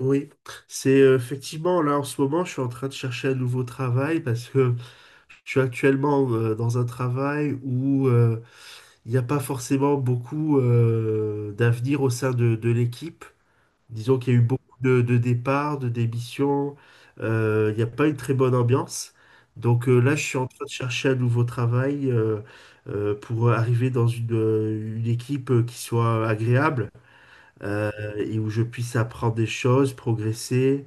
Oui, c'est effectivement là en ce moment, je suis en train de chercher un nouveau travail parce que je suis actuellement dans un travail où il n'y a pas forcément beaucoup d'avenir au sein de l'équipe. Disons qu'il y a eu beaucoup de départs, de démissions, il n'y a pas une très bonne ambiance. Donc là, je suis en train de chercher un nouveau travail pour arriver dans une équipe qui soit agréable euh, et où je puisse apprendre des choses, progresser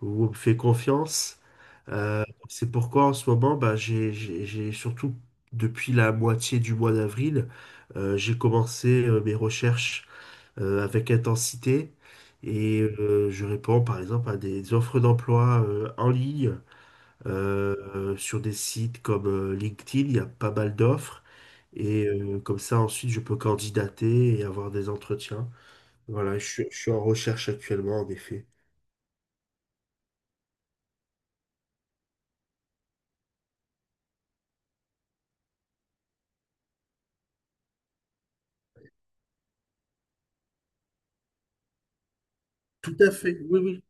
vous me faites confiance. Euh, c'est pourquoi en ce moment, bah, j'ai surtout depuis la moitié du mois d'avril, j'ai commencé mes recherches avec intensité et je réponds par exemple à des offres d'emploi en ligne, sur des sites comme LinkedIn, il y a pas mal d'offres et comme ça ensuite je peux candidater et avoir des entretiens. Voilà, je suis en recherche actuellement en effet. Tout à fait, oui, oui.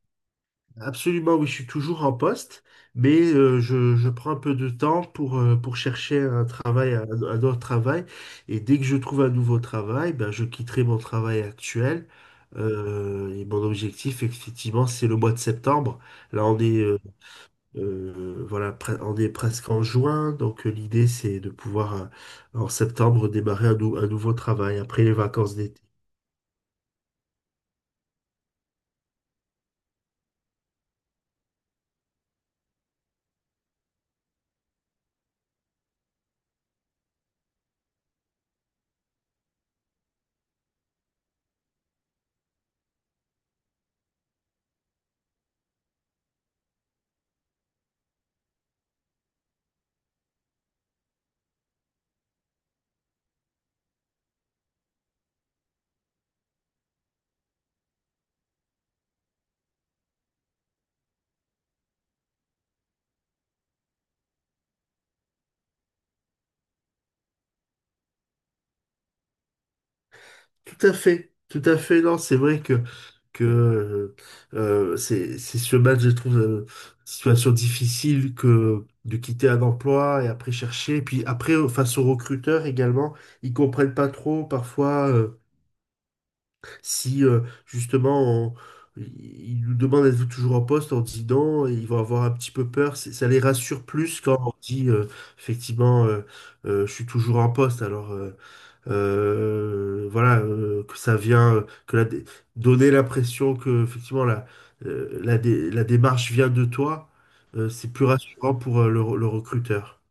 Absolument, oui, je suis toujours en poste, mais je prends un peu de temps pour chercher un travail, un autre travail. Et dès que je trouve un nouveau travail, ben, je quitterai mon travail actuel. Et mon objectif, effectivement, c'est le mois de septembre. Là, on est presque en juin, donc l'idée, c'est de pouvoir, en septembre, démarrer un nouveau travail après les vacances d'été. Tout à fait, tout à fait. Non, c'est vrai que c'est ce match, je trouve, situation difficile que de quitter un emploi et après chercher. Et puis après, face aux recruteurs également, ils comprennent pas trop parfois si justement on- ils nous demandent êtes-vous toujours en poste? On dit non, et ils vont avoir un petit peu peur. Ça les rassure plus quand on dit effectivement, je suis toujours en poste. Alors, voilà, que ça vient, que la dé- donner l'impression que effectivement la démarche vient de toi, c'est plus rassurant pour le recruteur.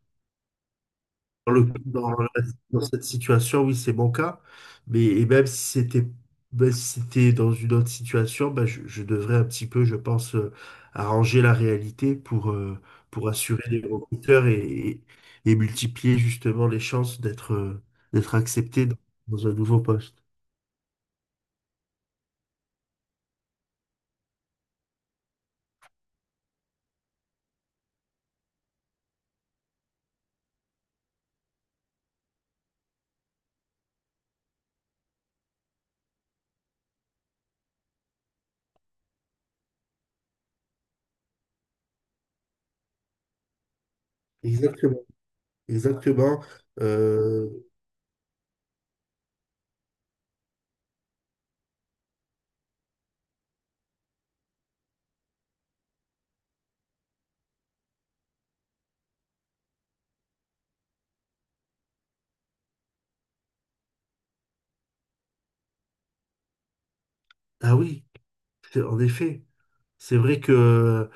Dans, le- dans la- Dans cette situation, oui, c'est mon cas. Mais même si c'était dans une autre situation, bah, je devrais un petit peu, je pense, arranger la réalité pour assurer les recruteurs et, et multiplier justement les chances d'être d'être accepté dans un nouveau poste. Exactement. Exactement. Euh, ah oui, en effet. C'est vrai que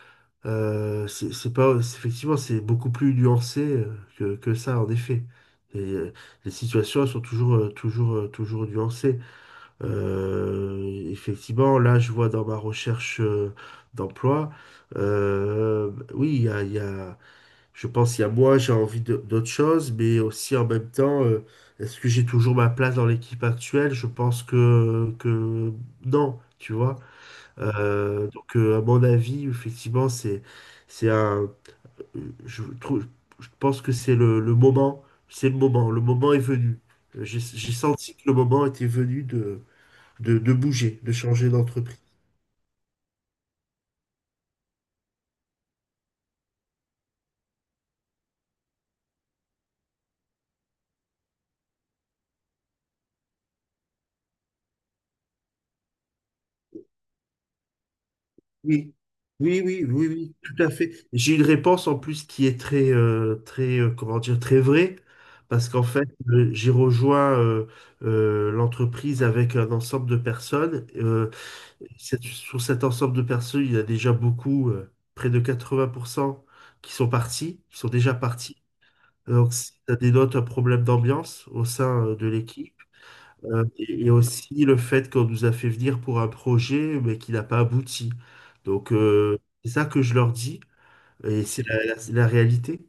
c'est pas c'est- effectivement c'est beaucoup plus nuancé que ça en effet. Et, les situations sont toujours toujours nuancées. Euh, Effectivement, là je vois dans ma recherche d'emploi, oui il y a- je pense il y a moi j'ai envie d'autre chose, mais aussi en même temps est-ce que j'ai toujours ma place dans l'équipe actuelle? Je pense que non, tu vois. À mon avis, effectivement, c'est un, je trouve, je pense que c'est le moment, c'est le moment est venu. J'ai senti que le moment était venu de bouger, de changer d'entreprise. Oui, oui, oui, tout à fait. J'ai une réponse en plus qui est très, comment dire, très vraie, parce qu'en fait, j'ai rejoint l'entreprise avec un ensemble de personnes. Sur cet ensemble de personnes, il y a déjà beaucoup, près de 80% qui sont partis, qui sont déjà partis. Donc, si ça dénote un problème d'ambiance au sein de l'équipe. Et aussi le fait qu'on nous a fait venir pour un projet, mais qui n'a pas abouti. Donc, c'est ça que je leur dis, et c'est la réalité.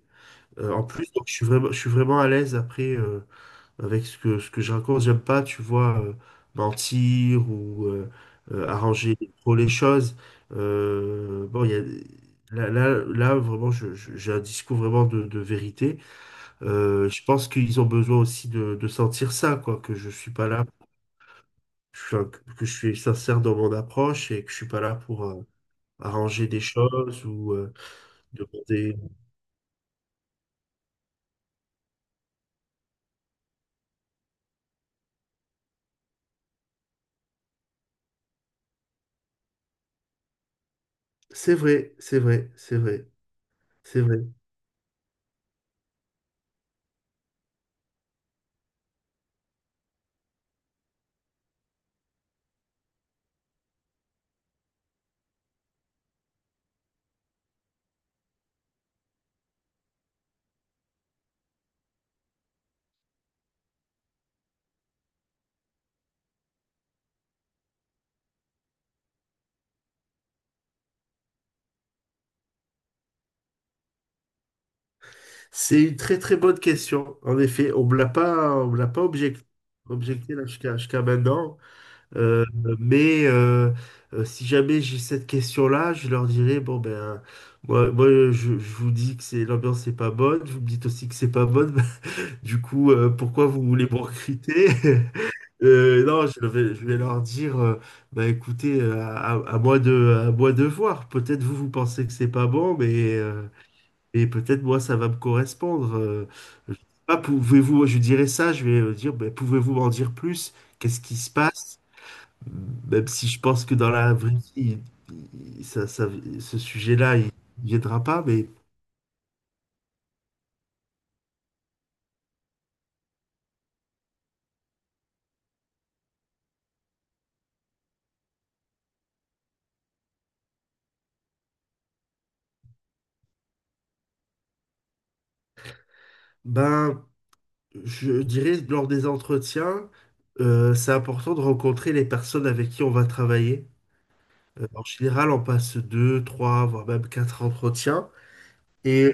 En plus, donc, je suis vraiment à l'aise après, avec ce que je raconte. J'aime pas, tu vois, mentir ou arranger trop les choses. Euh, bon, il y a, Là, vraiment, j'ai un discours vraiment de vérité. Je pense qu'ils ont besoin aussi de sentir ça, quoi, que je suis pas là, que je suis sincère dans mon approche et que je suis pas là pour arranger des choses ou demander. C'est vrai, c'est vrai. C'est une très très bonne question. En effet, on me l'a pas objecté là jusqu'à maintenant. Euh, mais si jamais j'ai cette question-là, je leur dirais, bon ben, moi, je vous dis que c'est l'ambiance n'est pas bonne, vous me dites aussi que c'est pas bonne. Du coup, pourquoi vous voulez me recruter? Non, je vais, Je vais leur dire, bah écoutez, à moi de voir. Peut-être vous pensez que c'est pas bon, mais et peut-être, moi, ça va me correspondre. Je sais pas, pouvez-vous, je dirais ça, je vais dire, ben, pouvez-vous m'en dire plus? Qu'est-ce qui se passe? Même si je pense que dans la vraie vie, il- il- ça, ça- ce sujet-là, il ne viendra pas, mais ben, je dirais, lors des entretiens, c'est important de rencontrer les personnes avec qui on va travailler. En général, on passe deux, trois, voire même quatre entretiens. Et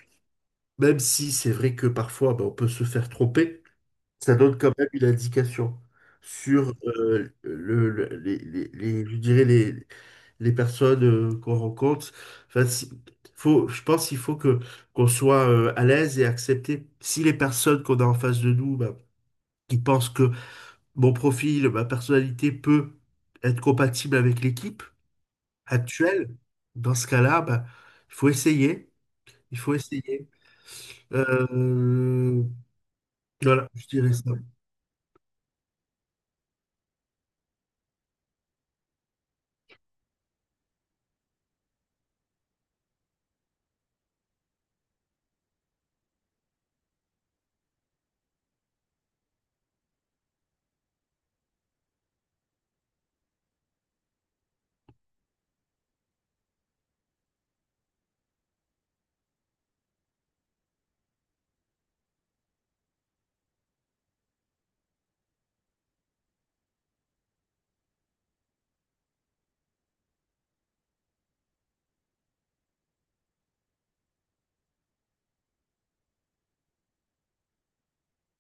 même si c'est vrai que parfois, ben, on peut se faire tromper, ça donne quand même une indication sur je dirais les personnes qu'on rencontre. Enfin, je pense qu'il faut que qu'on soit à l'aise et accepter. Si les personnes qu'on a en face de nous, bah, qui pensent que mon profil, ma personnalité peut être compatible avec l'équipe actuelle, dans ce cas-là, bah, il faut essayer. Il faut essayer. Euh, voilà, je dirais ça.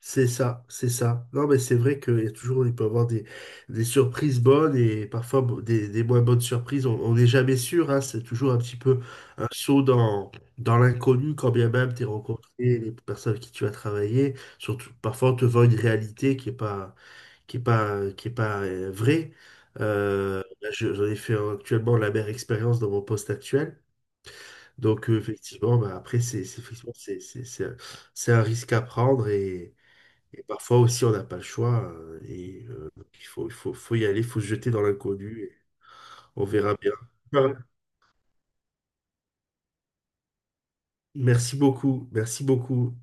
C'est ça, c'est ça. Non, mais c'est vrai qu'il y a toujours, il peut y avoir des surprises bonnes et parfois bon, des moins bonnes surprises. On n'est jamais sûr, hein, c'est toujours un petit peu un saut dans l'inconnu quand bien même tu rencontré les personnes avec qui tu as travaillé. Surtout, parfois on te vend une réalité qui est pas vraie. Là, j'en ai fait actuellement la meilleure expérience dans mon poste actuel. Donc, effectivement, bah, après, effectivement, c'est un risque à prendre et parfois aussi, on n'a pas le choix. Donc, faut y aller, il faut se jeter dans l'inconnu. Et on verra bien. Voilà. Merci beaucoup. Merci beaucoup.